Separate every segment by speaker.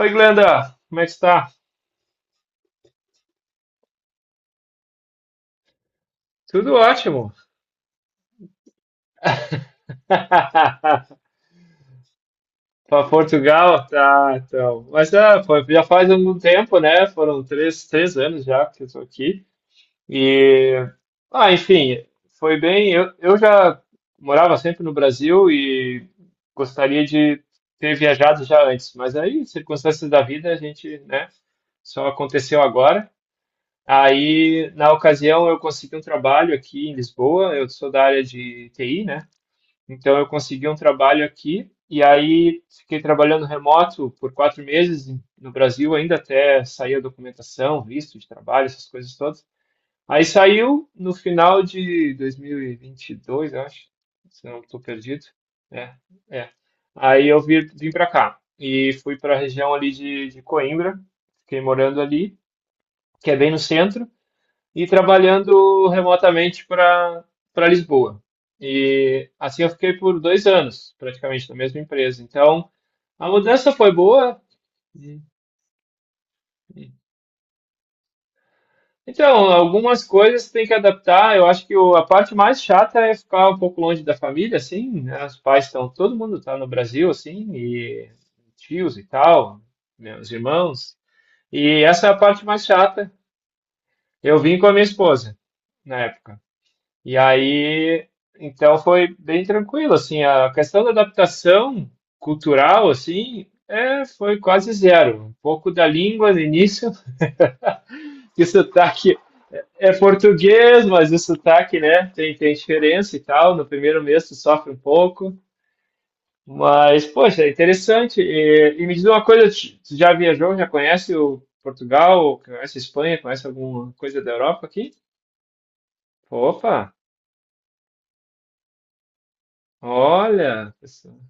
Speaker 1: Oi, Glenda, como é que está? Tudo ótimo. Para Portugal? Tá, então. Mas é, foi- já faz algum tempo, né? Foram três anos já que eu estou aqui. E, ah, enfim, foi bem. Eu já morava sempre no Brasil e gostaria de ter viajado já antes, mas aí, circunstâncias da vida, a gente, né? Só aconteceu agora. Aí, na ocasião, eu consegui um trabalho aqui em Lisboa. Eu sou da área de TI, né? Então eu consegui um trabalho aqui e aí fiquei trabalhando remoto por 4 meses em- no Brasil, ainda até sair a documentação, visto de trabalho, essas coisas todas. Aí saiu no final de 2022, eu acho, se não estou perdido. É, é. Aí eu vim, vim para cá e fui para a região ali de Coimbra, fiquei morando ali, que é bem no centro e trabalhando remotamente para Lisboa. E assim eu fiquei por 2 anos, praticamente, na mesma empresa. Então, a mudança foi boa. Então, algumas coisas tem que adaptar. Eu acho que o- a parte mais chata é ficar um pouco longe da família, assim, né? Os pais estão, todo mundo está no Brasil, assim, e tios e tal, meus irmãos. E essa é a parte mais chata. Eu vim com a minha esposa na época. E aí, então foi bem tranquilo, assim, a questão da adaptação cultural, assim, é, foi quase zero. Um pouco da língua no início, que o sotaque é português, mas o sotaque, né, tem, tem diferença e tal, no primeiro mês tu sofre um pouco, mas, poxa, é interessante. E me diz uma coisa, tu já viajou, já conhece o Portugal, conhece a Espanha, conhece alguma coisa da Europa aqui? Opa, olha, pessoal.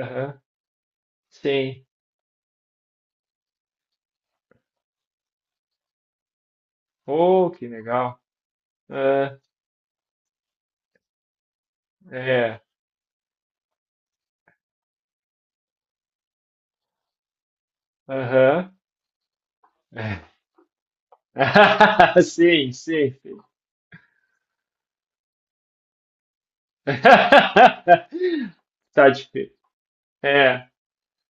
Speaker 1: Aham, sim. Oh, que legal. Ah, é. Aham. Sim, sim, sim. Tá difícil. É,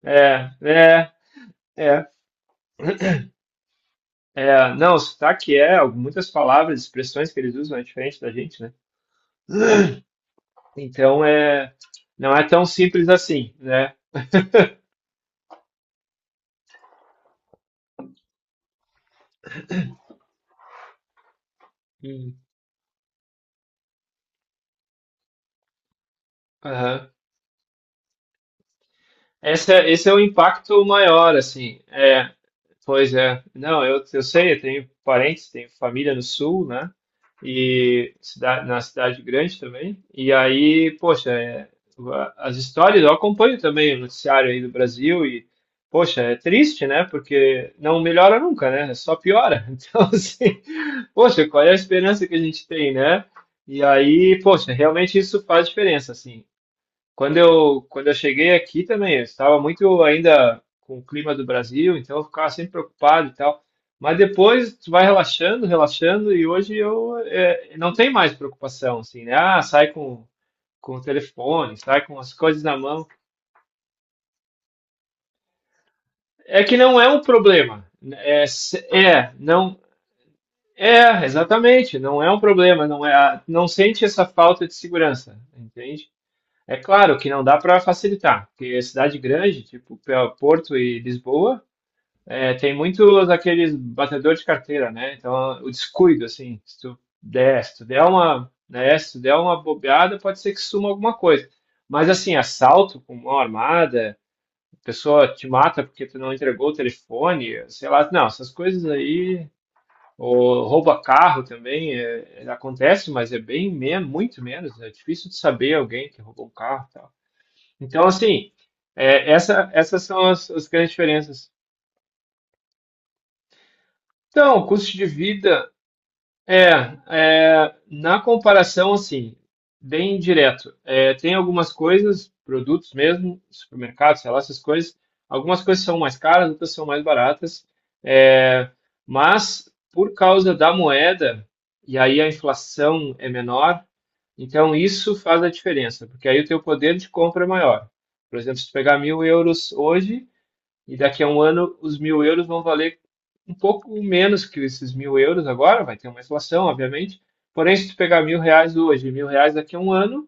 Speaker 1: é, é, é, é. Não, sotaque é, muitas palavras, expressões que eles usam é diferente da gente, né? Então é, não é tão simples assim, né? Hum. Aham. Esse é o impacto maior, assim. É, pois é. Não, eu sei, eu tenho parentes, tenho família no sul, né? E na cidade grande também. E aí, poxa, é, a- as histórias, eu acompanho também o noticiário aí do Brasil e, poxa, é triste, né? Porque não melhora nunca, né? É só piora. Então, assim, poxa, qual é a esperança que a gente tem, né? E aí, poxa, realmente isso faz diferença, assim. Quando eu cheguei aqui também, eu estava muito ainda com o clima do Brasil, então eu ficava sempre preocupado e tal. Mas depois tu vai relaxando, relaxando, e hoje eu não tem mais preocupação, assim, né? Ah, sai com o telefone, sai com as coisas na mão. É que não é um problema. É, é, não, é, exatamente, não é um problema, não é, não sente essa falta de segurança, entende? É claro que não dá para facilitar, porque cidade grande, tipo Porto e Lisboa, é, tem muitos aqueles batedores de carteira, né? Então, o descuido, assim, se tu der uma, né, se tu der uma bobeada, pode ser que suma alguma coisa. Mas, assim, assalto com mão armada, a pessoa te mata porque tu não entregou o telefone, sei lá, não, essas coisas aí, ou rouba carro também, é, acontece, mas é bem, men muito menos, né? É difícil de saber alguém que roubou um carro, e então, assim, é, essa, essas são as, as grandes diferenças. Então, custo de vida é, é, na comparação, assim, bem direto. É, tem algumas coisas, produtos mesmo, supermercados, sei lá, essas coisas. Algumas coisas são mais caras, outras são mais baratas. É, mas por causa da moeda, e aí a inflação é menor, então isso faz a diferença, porque aí o teu poder de compra é maior. Por exemplo, se tu pegar 1.000 euros hoje, e daqui a um ano os 1.000 euros vão valer um pouco menos que esses 1.000 euros agora, vai ter uma inflação, obviamente. Porém, se tu pegar 1.000 reais hoje e 1.000 reais daqui a um ano,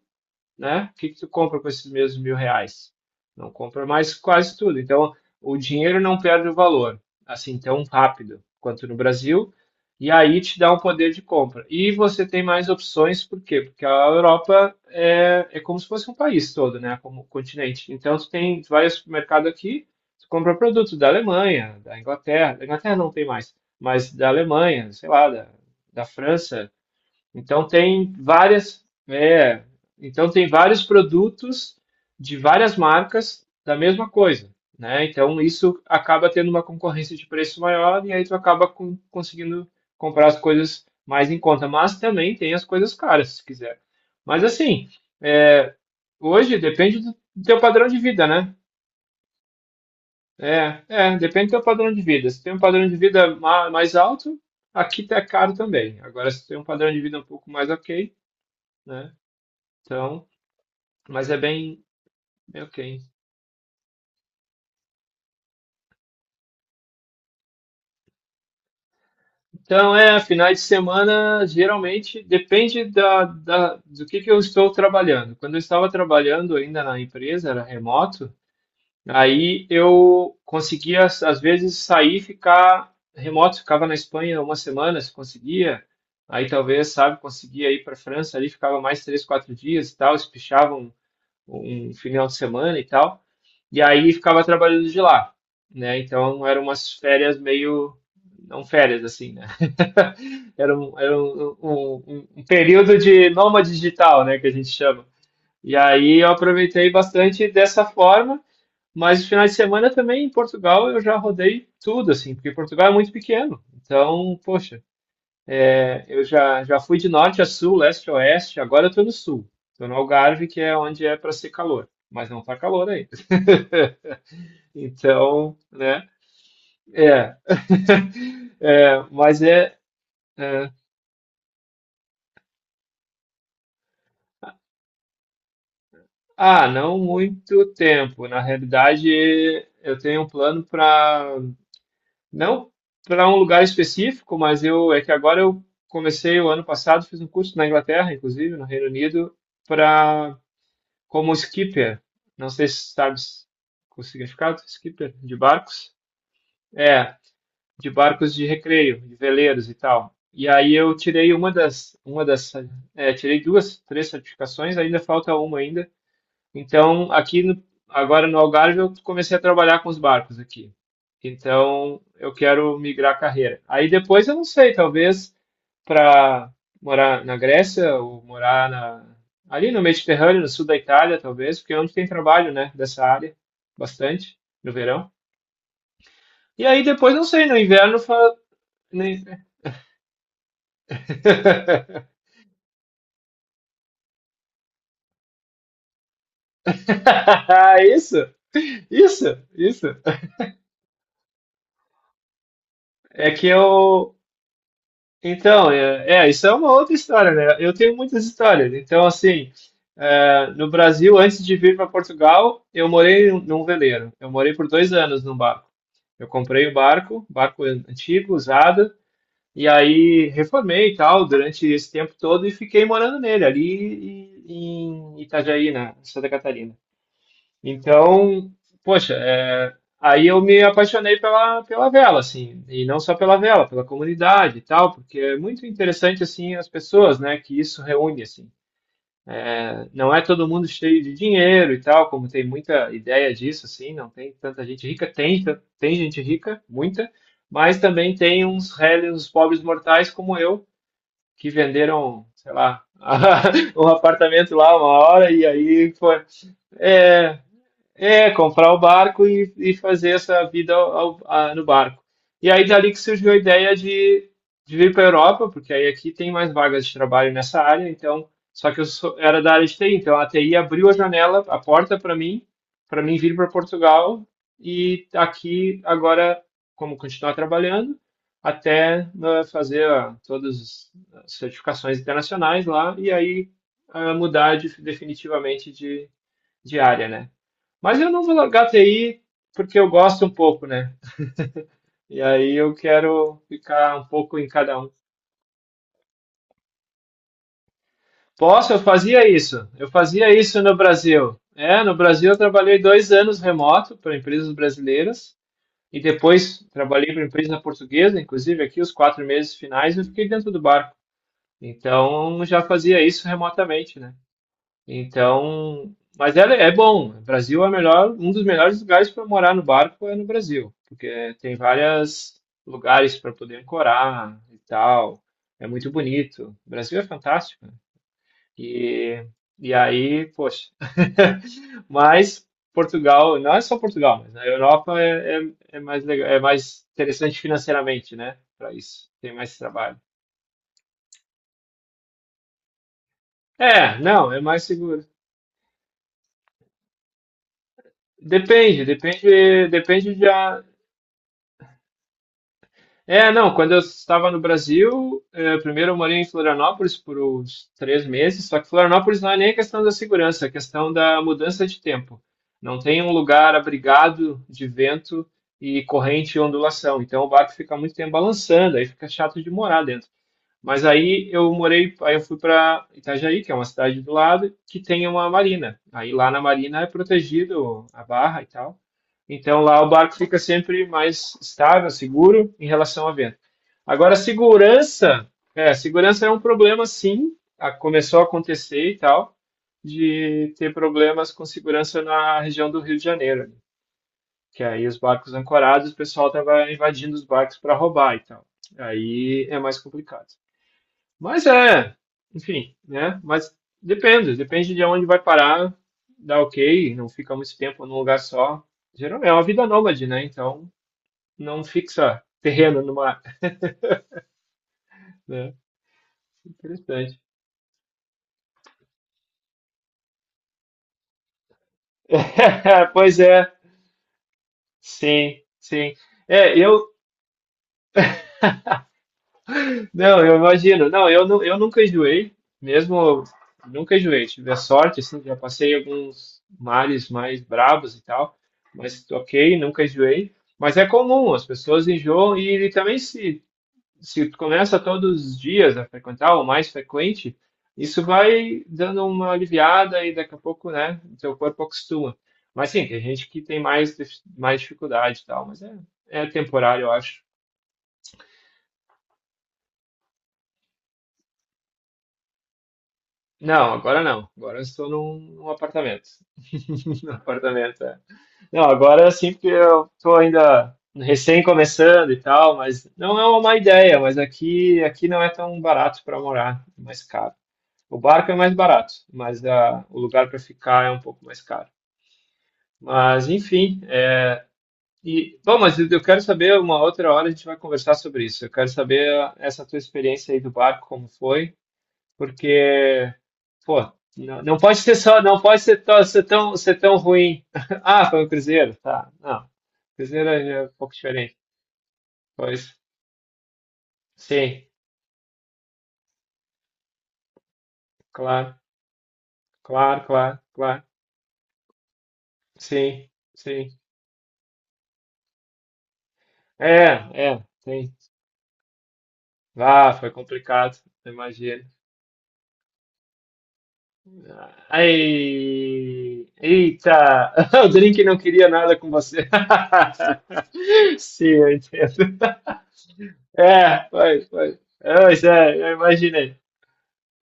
Speaker 1: né? O que que tu compra com esses mesmos 1.000 reais? Não compra mais quase tudo. Então, o dinheiro não perde o valor, assim, tão rápido quanto no Brasil, e aí te dá um poder de compra. E você tem mais opções, por quê? Porque a Europa é, é como se fosse um país todo, né? Como um continente. Então, tu tem, tu vai ao supermercado aqui, tu compra produtos da Alemanha, da Inglaterra não tem mais, mas da Alemanha, sei lá, da, da França, então tem várias, é, então tem vários produtos de várias marcas da mesma coisa, né? Então isso acaba tendo uma concorrência de preço maior e aí tu acaba com- conseguindo comprar as coisas mais em conta, mas também tem as coisas caras, se quiser. Mas assim, é, hoje depende do teu padrão de vida, né? É, é, depende do teu padrão de vida. Se tem um padrão de vida mais alto, aqui tá caro também. Agora, se tem um padrão de vida um pouco mais ok, né? Então, mas é bem, bem ok. Então, é, finais de semana, geralmente, depende da, da- do que eu estou trabalhando. Quando eu estava trabalhando ainda na empresa, era remoto, aí eu conseguia, às vezes, sair e ficar remoto. Ficava na Espanha uma semana, se conseguia. Aí, talvez, sabe, conseguia ir para a França, ali ficava mais três, quatro dias e tal, espichava um final de semana e tal. E aí ficava trabalhando de lá, né? Então eram umas férias meio. Não férias, assim, né? Era um período de nômade digital, né? Que a gente chama. E aí eu aproveitei bastante dessa forma, mas no final de semana também em Portugal eu já rodei tudo, assim, porque Portugal é muito pequeno. Então, poxa. Eu já, já fui de norte a sul, leste a oeste, agora eu estou no sul. Estou no Algarve, que é onde é para ser calor, mas não está calor aí. Então, né? É, é, mas é, é. Ah, não muito tempo. Na realidade, eu tenho um plano para. Não para um lugar específico, mas eu. É que agora eu comecei o ano passado, fiz um curso na Inglaterra, inclusive, no Reino Unido, para como skipper, não sei se sabes o significado, skipper, de barcos. É, de barcos de recreio, de veleiros e tal. E aí eu tirei é, tirei duas, três certificações, ainda falta uma ainda. Então, aqui no, agora no Algarve eu comecei a trabalhar com os barcos aqui. Então, eu quero migrar a carreira. Aí depois eu não sei, talvez para morar na Grécia ou morar na, ali no Mediterrâneo, no sul da Itália, talvez, porque é onde tem trabalho, né, dessa área, bastante, no verão. E aí depois, não sei, no inverno, nem- isso, isso, isso. É que eu. Então, é, é, isso é uma outra história, né? Eu tenho muitas histórias. Então, assim, é, no Brasil, antes de vir para Portugal, eu morei num veleiro. Eu morei por 2 anos num barco. Eu comprei o barco, barco antigo, usado, e aí reformei e tal durante esse tempo todo e fiquei morando nele, ali em Itajaí, na Santa Catarina. Então, poxa, é, aí eu me apaixonei pela, pela vela, assim, e não só pela vela, pela comunidade e tal, porque é muito interessante, assim, as pessoas, né, que isso reúne, assim. Não é todo mundo cheio de dinheiro e tal, como tem muita ideia disso, assim, não tem tanta gente rica. Tem, tem gente rica, muita, mas também tem uns réis, uns pobres mortais como eu, que venderam, sei lá, um apartamento lá uma hora e aí foi. É, é, comprar o barco e fazer essa vida no barco. E aí, dali que surgiu a ideia de, vir para a Europa, porque aí aqui tem mais vagas de trabalho nessa área, então, só que era da área de TI, então a TI abriu a janela, a porta para mim vir para Portugal e aqui agora, como continuar trabalhando, até né, fazer ah, todas as certificações internacionais lá e aí ah, mudar definitivamente de área, né? Mas eu não vou largar TI porque eu gosto um pouco, né? E aí eu quero ficar um pouco em cada um. Posso? Eu fazia isso. Eu fazia isso no Brasil. É, no Brasil eu trabalhei 2 anos remoto para empresas brasileiras e depois trabalhei para empresa portuguesa, inclusive aqui os 4 meses finais eu fiquei dentro do barco. Então já fazia isso remotamente, né? Então, mas é, é bom. O Brasil é o melhor, um dos melhores lugares para morar no barco é no Brasil, porque tem vários lugares para poder ancorar e tal. É muito bonito. O Brasil é fantástico, né? E, e aí, poxa. Mas Portugal, não é só Portugal, mas a Europa é mais legal, é mais interessante financeiramente, né? Para isso, tem mais trabalho. É, não, é mais seguro. Depende, depende, depende de. É, não, quando eu estava no Brasil, primeiro eu morei em Florianópolis por uns 3 meses, só que Florianópolis não é nem a questão da segurança, é a questão da mudança de tempo. Não tem um lugar abrigado de vento e corrente e ondulação, então o barco fica muito tempo balançando, aí fica chato de morar dentro. Mas aí eu fui para Itajaí, que é uma cidade do lado, que tem uma marina. Aí lá na marina é protegido a barra e tal. Então lá o barco fica sempre mais estável, seguro em relação a vento. Agora, segurança é um problema sim. Começou a acontecer e tal, de ter problemas com segurança na região do Rio de Janeiro, né? Que aí os barcos ancorados, o pessoal tava invadindo os barcos para roubar e tal. Aí é mais complicado. Mas é, enfim, né? Mas depende, depende de onde vai parar, dá ok, não fica muito tempo num lugar só. Geralmente é uma vida nômade, né? Então não fixa terreno numa, né? Interessante. Pois é, sim, sim. É, eu. Não, eu imagino. Não, eu nunca enjoei, mesmo nunca enjoei. Tive a sorte, assim, já passei alguns mares mais bravos e tal, mas ok, nunca enjoei. Mas é comum, as pessoas enjoam e, ele também se tu começa todos os dias a frequentar, ou mais frequente, isso vai dando uma aliviada e daqui a pouco, né, o teu corpo acostuma. Mas sim, tem gente que tem mais, mais dificuldade e tal, mas é, é temporário, eu acho. Não, agora não. Agora eu estou num apartamento. Num apartamento, é. Não, agora sim, porque eu estou ainda recém começando e tal, mas não é uma má ideia, mas aqui, aqui não é tão barato para morar, é mais caro. O barco é mais barato, mas a, o lugar para ficar é um pouco mais caro. Mas, enfim, é, e, bom, mas eu quero saber, uma outra hora a gente vai conversar sobre isso. Eu quero saber essa tua experiência aí do barco, como foi. Porque, pô, não, não pode ser só, não pode ser, ser tão ruim. Ah, foi o Cruzeiro, tá. Não, Cruzeiro é um pouco diferente. Pois, sim, claro, claro, claro, claro. Sim, sim. É, é, sim. Ah, foi complicado, eu imagino. Ai, eita, o Drink não queria nada com você. Sim, eu entendo. É, foi, foi. Pois é, eu imaginei.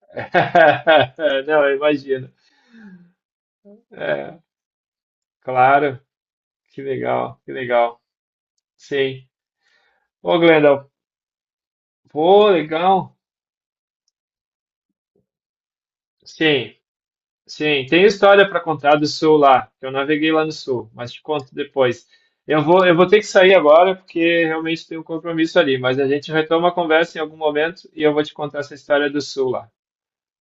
Speaker 1: Não, eu imagino. É, claro, que legal, que legal. Sim. Ô, Glenda, pô, legal. Sim, sim. Tem história para contar do sul lá, que eu naveguei lá no sul, mas te conto depois. Eu vou ter que sair agora, porque realmente tem um compromisso ali, mas a gente retoma a conversa em algum momento e eu vou te contar essa história do sul lá.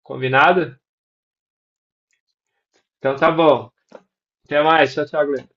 Speaker 1: Combinado? Então tá bom. Até mais. Tchau, tchau, Glenda.